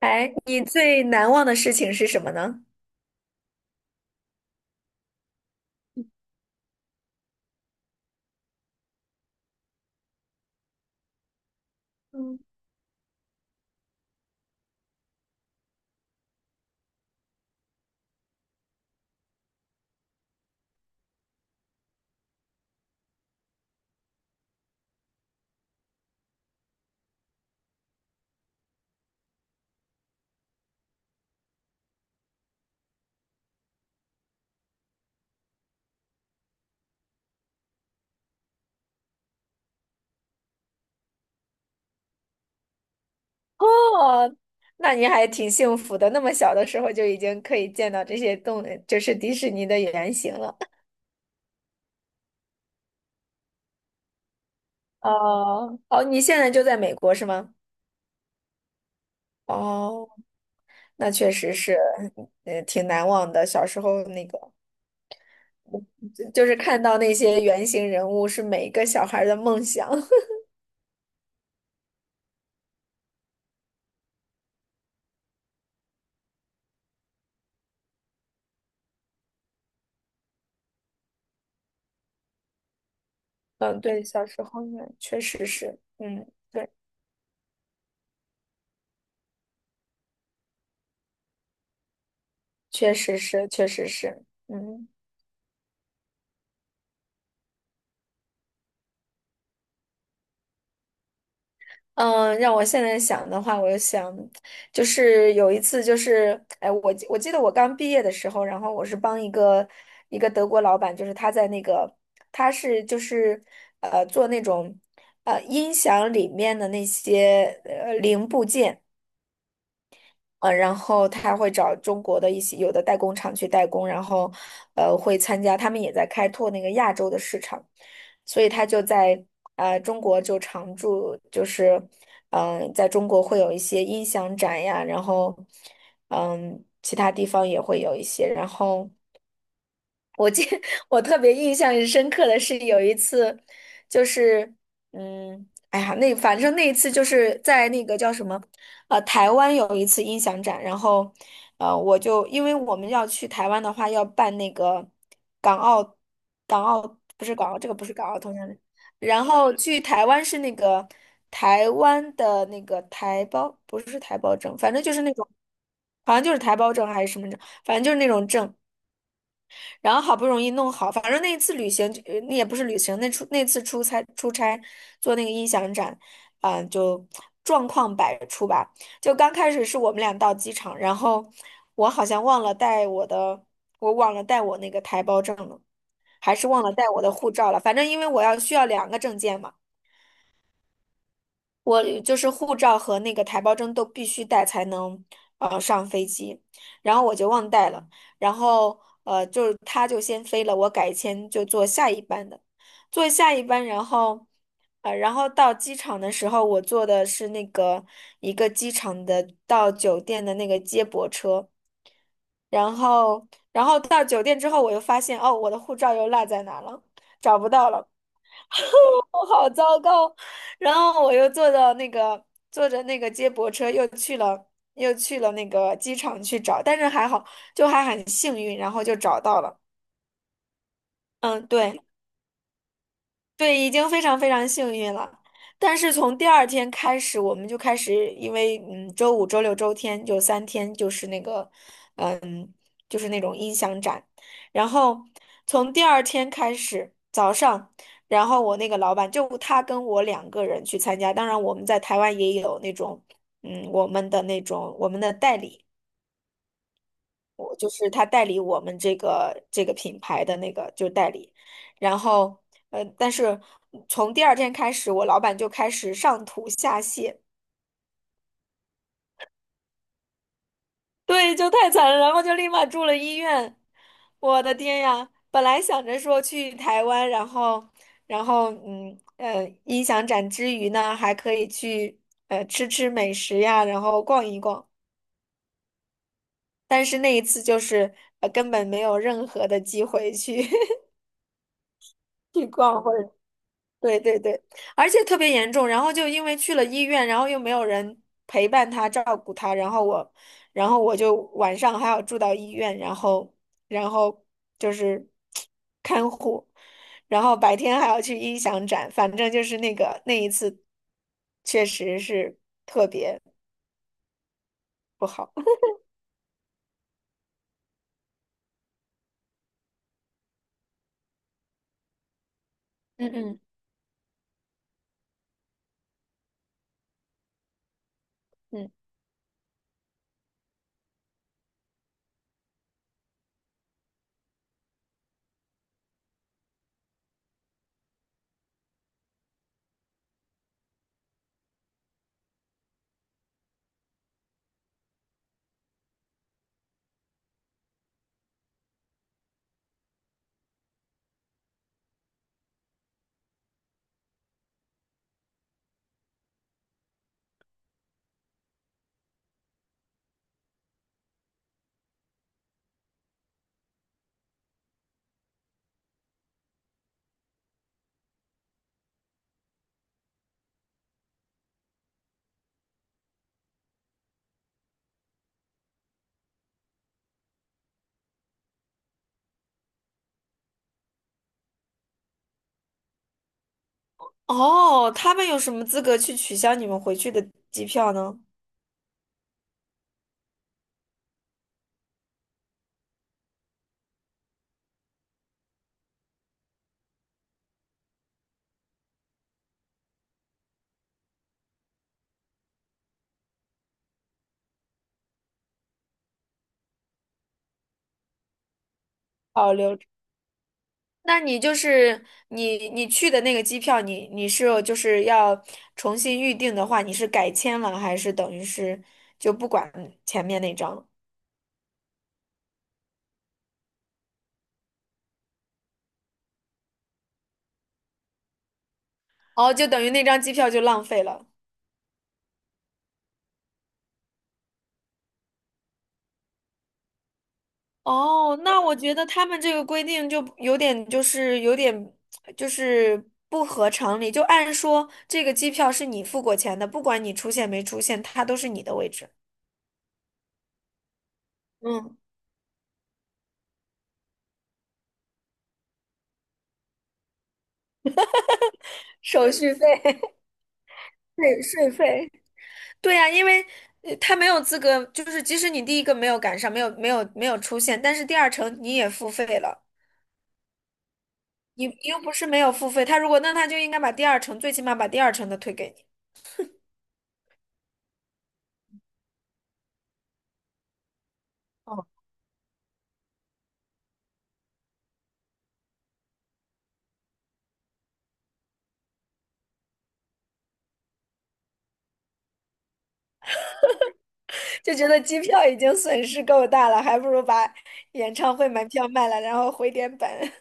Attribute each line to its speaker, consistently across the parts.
Speaker 1: 哎，你最难忘的事情是什么呢？嗯，哦，那你还挺幸福的，那么小的时候就已经可以见到这些动，就是迪士尼的原型了。哦，哦，你现在就在美国是吗？哦，那确实是，挺难忘的。小时候那个。就是看到那些原型人物是每一个小孩儿的梦想。嗯，对，小时候呢，确实是，嗯，对，确实是，确实是，嗯嗯，让我现在想的话，我就想，就是有一次，就是，哎，我记得我刚毕业的时候，然后我是帮一个德国老板，就是他在那个，他是就是做那种音响里面的那些零部件。然后他会找中国的一些有的代工厂去代工，然后会参加，他们也在开拓那个亚洲的市场，所以他就在中国就常驻，就是在中国会有一些音响展呀，然后其他地方也会有一些，然后。我记 我特别印象深刻的是有一次，就是嗯，哎呀，那反正那一次就是在那个叫什么，台湾有一次音响展，然后我就因为我们要去台湾的话，要办那个港澳港澳。不是港澳，这个不是港澳通行证，然后去台湾是那个台湾的那个台胞，不是台胞证，反正就是那种，好像就是台胞证还是什么证，反正就是那种证。然后好不容易弄好，反正那一次旅行，那也不是旅行，那出那次出差做那个音响展，就状况百出吧。就刚开始是我们俩到机场，然后我好像忘了带我的，我忘了带我那个台胞证了，还是忘了带我的护照了。反正因为我要需要两个证件嘛。我就是护照和那个台胞证都必须带才能上飞机，然后我就忘带了，然后就是他就先飞了，我改签就坐下一班的，坐下一班，然后然后到机场的时候，我坐的是那个一个机场的到酒店的那个接驳车，然后然后到酒店之后，我又发现哦我的护照又落在哪儿了，找不到了。我好糟糕。然后我又坐到那个坐着那个接驳车，又去了那个机场去找，但是还好，就还很幸运，然后就找到了。嗯，对。对，已经非常非常幸运了。但是从第二天开始，我们就开始，因为嗯，周五、周六、周天就三天，就是那个，嗯，就是那种音响展。然后从第二天开始，早上，然后我那个老板就他跟我两个人去参加。当然，我们在台湾也有那种，嗯，我们的那种我们的代理。我就是他代理我们这个品牌的那个就代理，然后但是从第二天开始，我老板就开始上吐下泻，对，就太惨了，然后就立马住了医院。我的天呀，本来想着说去台湾，然后，音响展之余呢，还可以去吃吃美食呀，然后逛一逛，但是那一次就是根本没有任何的机会去 去逛或者。对对对，而且特别严重，然后就因为去了医院，然后又没有人陪伴他、照顾他，然后我，然后我就晚上还要住到医院，然后，然后就是 看护，然后白天还要去音响展，反正就是那个那一次，确实是不好。嗯嗯嗯。哦，他们有什么资格去取消你们回去的机票呢？保留。那你就是你你去的那个机票你，你是就是要重新预定的话，你是改签了还是等于是就不管前面那张了？哦，就等于那张机票就浪费了。哦，那我觉得他们这个规定就有点就是有点就是不合常理。就按说这个机票是你付过钱的，不管你出现没出现，它都是你的位置。嗯，手续费，税税费。对呀，因为他没有资格，就是即使你第一个没有赶上，没有出现，但是第二程你也付费了，你又不是没有付费，他如果那他就应该把第二程，最起码把第二程的退给你，就觉得机票已经损失够大了，还不如把演唱会门票卖了，然后回点本。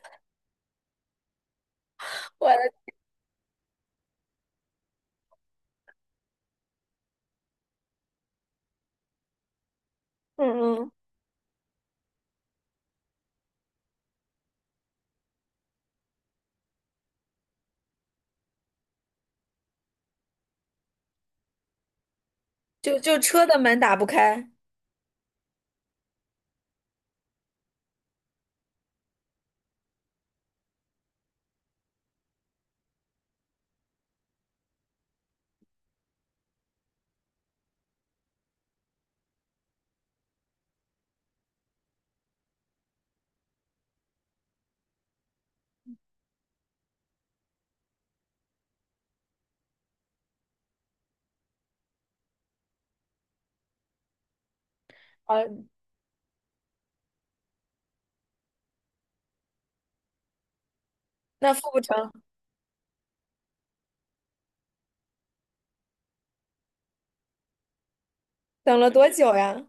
Speaker 1: 我的，嗯嗯，就车的门打不开，啊，那付不成，等了多久呀？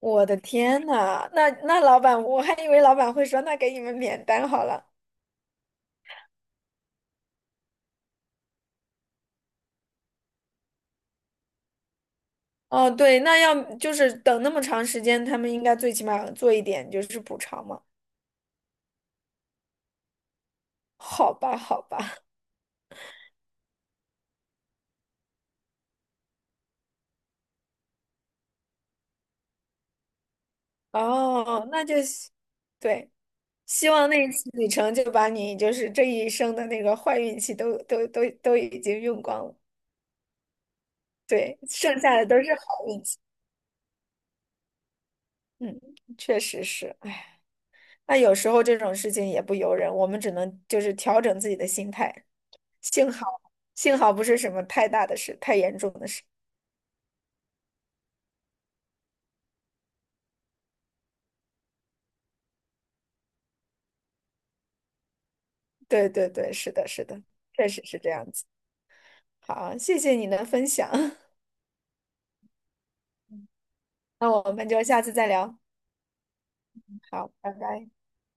Speaker 1: 我的天呐，那那老板，我还以为老板会说，那给你们免单好了。哦，对，那要就是等那么长时间，他们应该最起码做一点就是补偿嘛。好吧，好吧，哦，那就希对，希望那一次旅程就把你就是这一生的那个坏运气都已经用光了，对，剩下的都是好运气。嗯，确实是，哎，那有时候这种事情也不由人，我们只能就是调整自己的心态。幸好，幸好不是什么太大的事，太严重的事。对对对，是的，是的，确实是这样子。好，谢谢你的分享，那我们就下次再聊。好，拜拜。